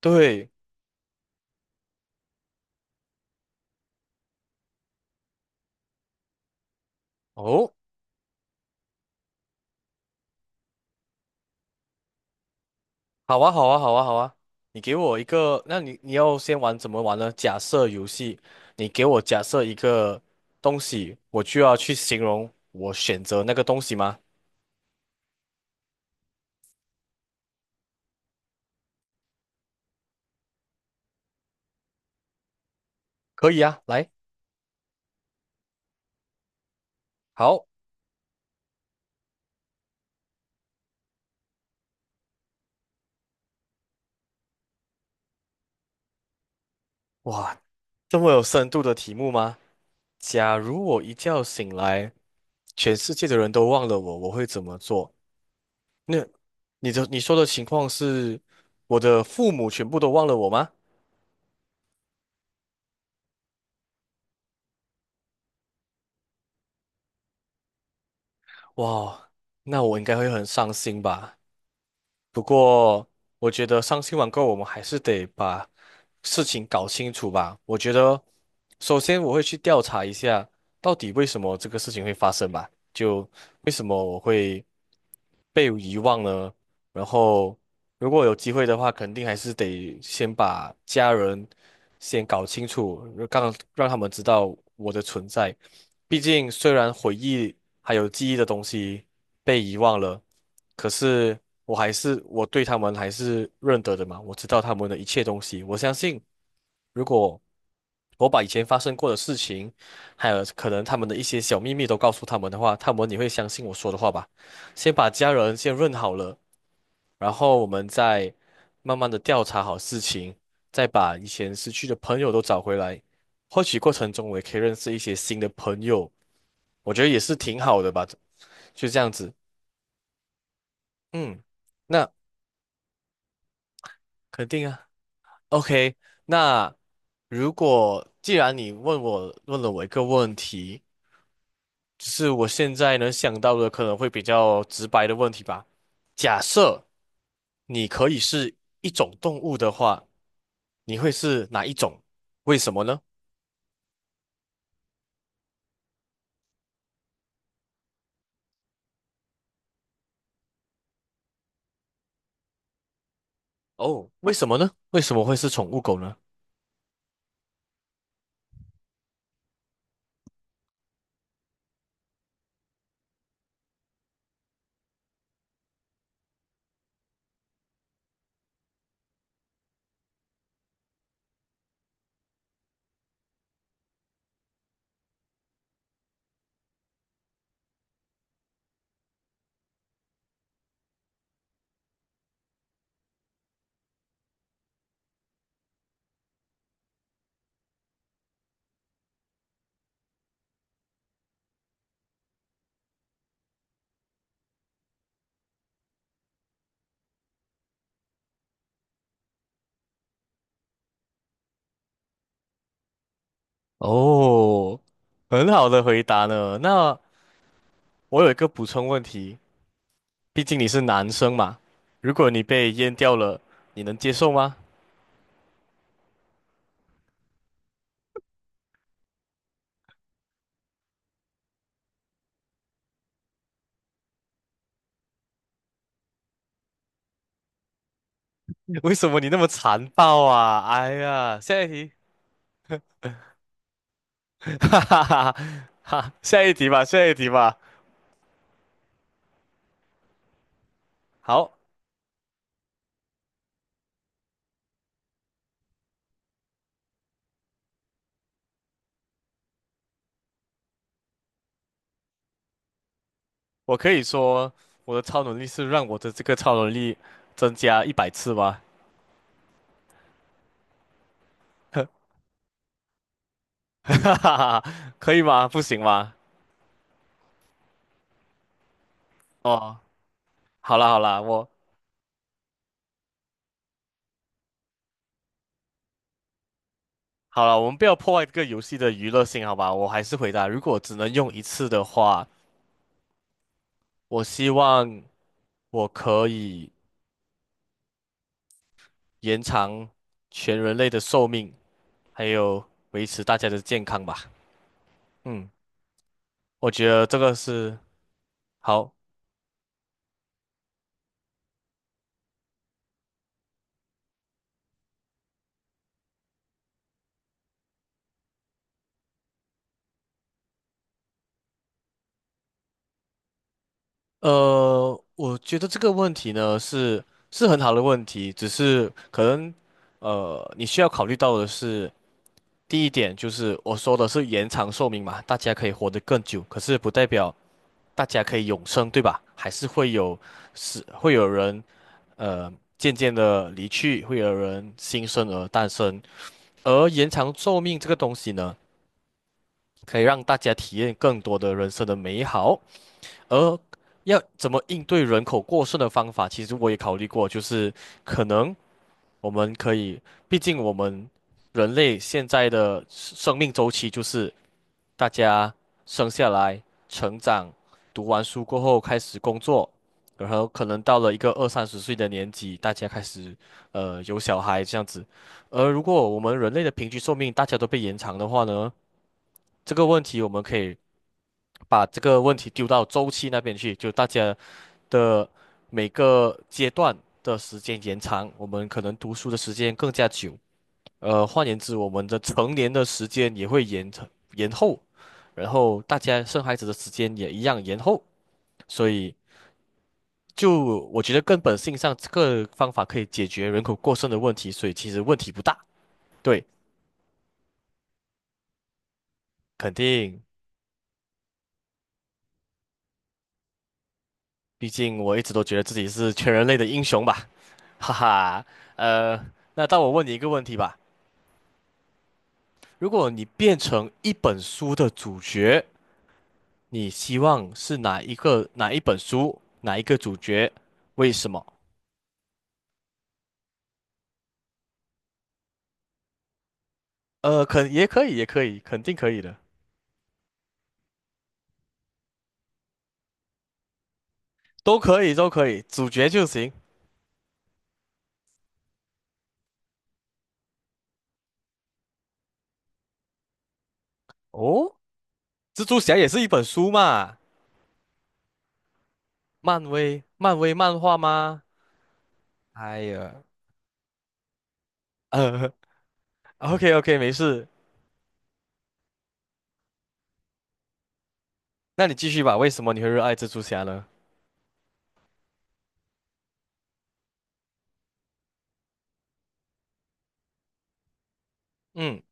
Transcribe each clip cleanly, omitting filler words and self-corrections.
对，哦，好啊，好啊，好啊，好啊，你给我一个，那你要先玩怎么玩呢？假设游戏，你给我假设一个东西，我就要去形容我选择那个东西吗？可以啊，来，好。哇，这么有深度的题目吗？假如我一觉醒来，全世界的人都忘了我，我会怎么做？那你的你说的情况是，我的父母全部都忘了我吗？哇，那我应该会很伤心吧。不过，我觉得伤心网购，我们还是得把事情搞清楚吧。我觉得，首先我会去调查一下，到底为什么这个事情会发生吧？就为什么我会被遗忘呢？然后如果有机会的话，肯定还是得先把家人先搞清楚，让他们知道我的存在。毕竟，虽然回忆还有记忆的东西被遗忘了，可是我对他们还是认得的嘛，我知道他们的一切东西。我相信，如果我把以前发生过的事情，还有可能他们的一些小秘密都告诉他们的话，他们也会相信我说的话吧。先把家人先认好了。然后我们再慢慢的调查好事情，再把以前失去的朋友都找回来。或许过程中我也可以认识一些新的朋友，我觉得也是挺好的吧。就这样子，嗯，那肯定啊。OK，那如果既然你问了我一个问题，只是我现在能想到的可能会比较直白的问题吧。假设你可以是一种动物的话，你会是哪一种？为什么呢？哦，为什么呢？为什么会是宠物狗呢？哦，很好的回答呢。那我有一个补充问题，毕竟你是男生嘛，如果你被阉掉了，你能接受吗？为什么你那么残暴啊？哎呀，下一题。哈哈哈哈，下一题吧，下一题吧。好，我可以说我的超能力是让我的这个超能力增加100次吗？哈哈哈，可以吗？不行吗？哦，好啦好啦，我们不要破坏这个游戏的娱乐性，好吧？我还是回答，如果只能用一次的话，我希望我可以延长全人类的寿命，还有维持大家的健康吧。嗯，我觉得这个是好。我觉得这个问题呢是很好的问题，只是可能你需要考虑到的是，第一点就是我说的是延长寿命嘛，大家可以活得更久，可是不代表大家可以永生，对吧？还是会有是会有人呃渐渐的离去，会有人新生儿诞生，而延长寿命这个东西呢，可以让大家体验更多的人生的美好。而要怎么应对人口过剩的方法，其实我也考虑过，就是可能我们可以，毕竟我们人类现在的生命周期就是大家生下来、成长、读完书过后开始工作，然后可能到了一个二三十岁的年纪，大家开始有小孩这样子。而如果我们人类的平均寿命大家都被延长的话呢，这个问题我们可以把这个问题丢到周期那边去，就大家。的每个阶段的时间延长，我们可能读书的时间更加久。换言之，我们的成年的时间也会延长延后，然后大家生孩子的时间也一样延后。所以，就我觉得根本性上，这个方法可以解决人口过剩的问题，所以其实问题不大。对，肯定，毕竟我一直都觉得自己是全人类的英雄吧，哈哈。呃，那当我问你一个问题吧，如果你变成一本书的主角，你希望是哪一个哪一本书，哪一个主角？为什么？也可以，也可以，肯定可以的，都可以，都可以，主角就行。哦，蜘蛛侠也是一本书嘛，漫威，漫威漫画吗？哎呀，呃，OK OK，没事，那你继续吧。为什么你会热爱蜘蛛侠呢？嗯，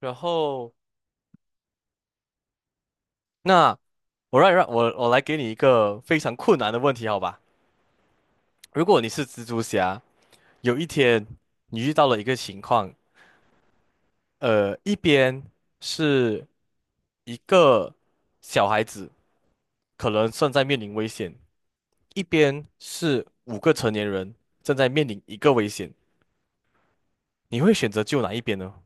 然后那我让让我我来给你一个非常困难的问题，好吧？如果你是蜘蛛侠，有一天你遇到了一个情况，一边是一个小孩子，可能正在面临危险；一边是五个成年人正在面临一个危险。你会选择救哪一边呢？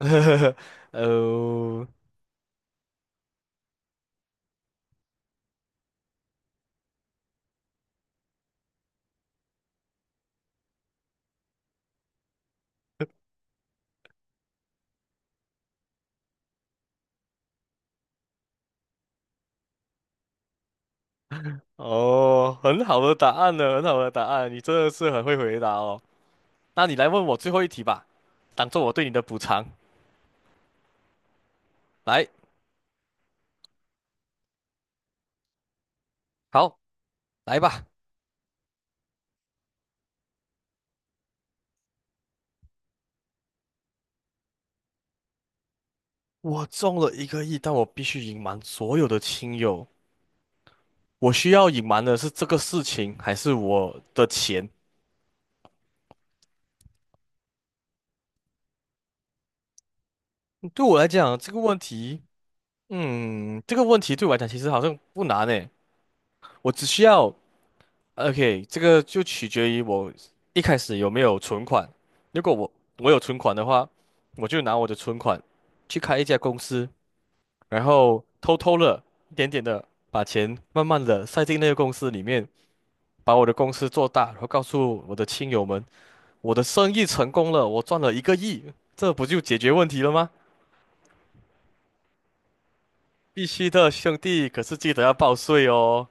呃，哦，很好的答案呢，很好的答案，你真的是很会回答哦。那你来问我最后一题吧，当做我对你的补偿。来，好，来吧。我中了一个亿，但我必须隐瞒所有的亲友。我需要隐瞒的是这个事情，还是我的钱？对我来讲，这个问题，嗯，这个问题对我来讲其实好像不难诶。我只需要，OK，这个就取决于我一开始有没有存款。如果我有存款的话，我就拿我的存款去开一家公司，然后偷偷的、一点点的把钱慢慢的塞进那个公司里面，把我的公司做大，然后告诉我的亲友们。我的生意成功了，我赚了一个亿，这不就解决问题了吗？必须的，兄弟，可是记得要报税哦。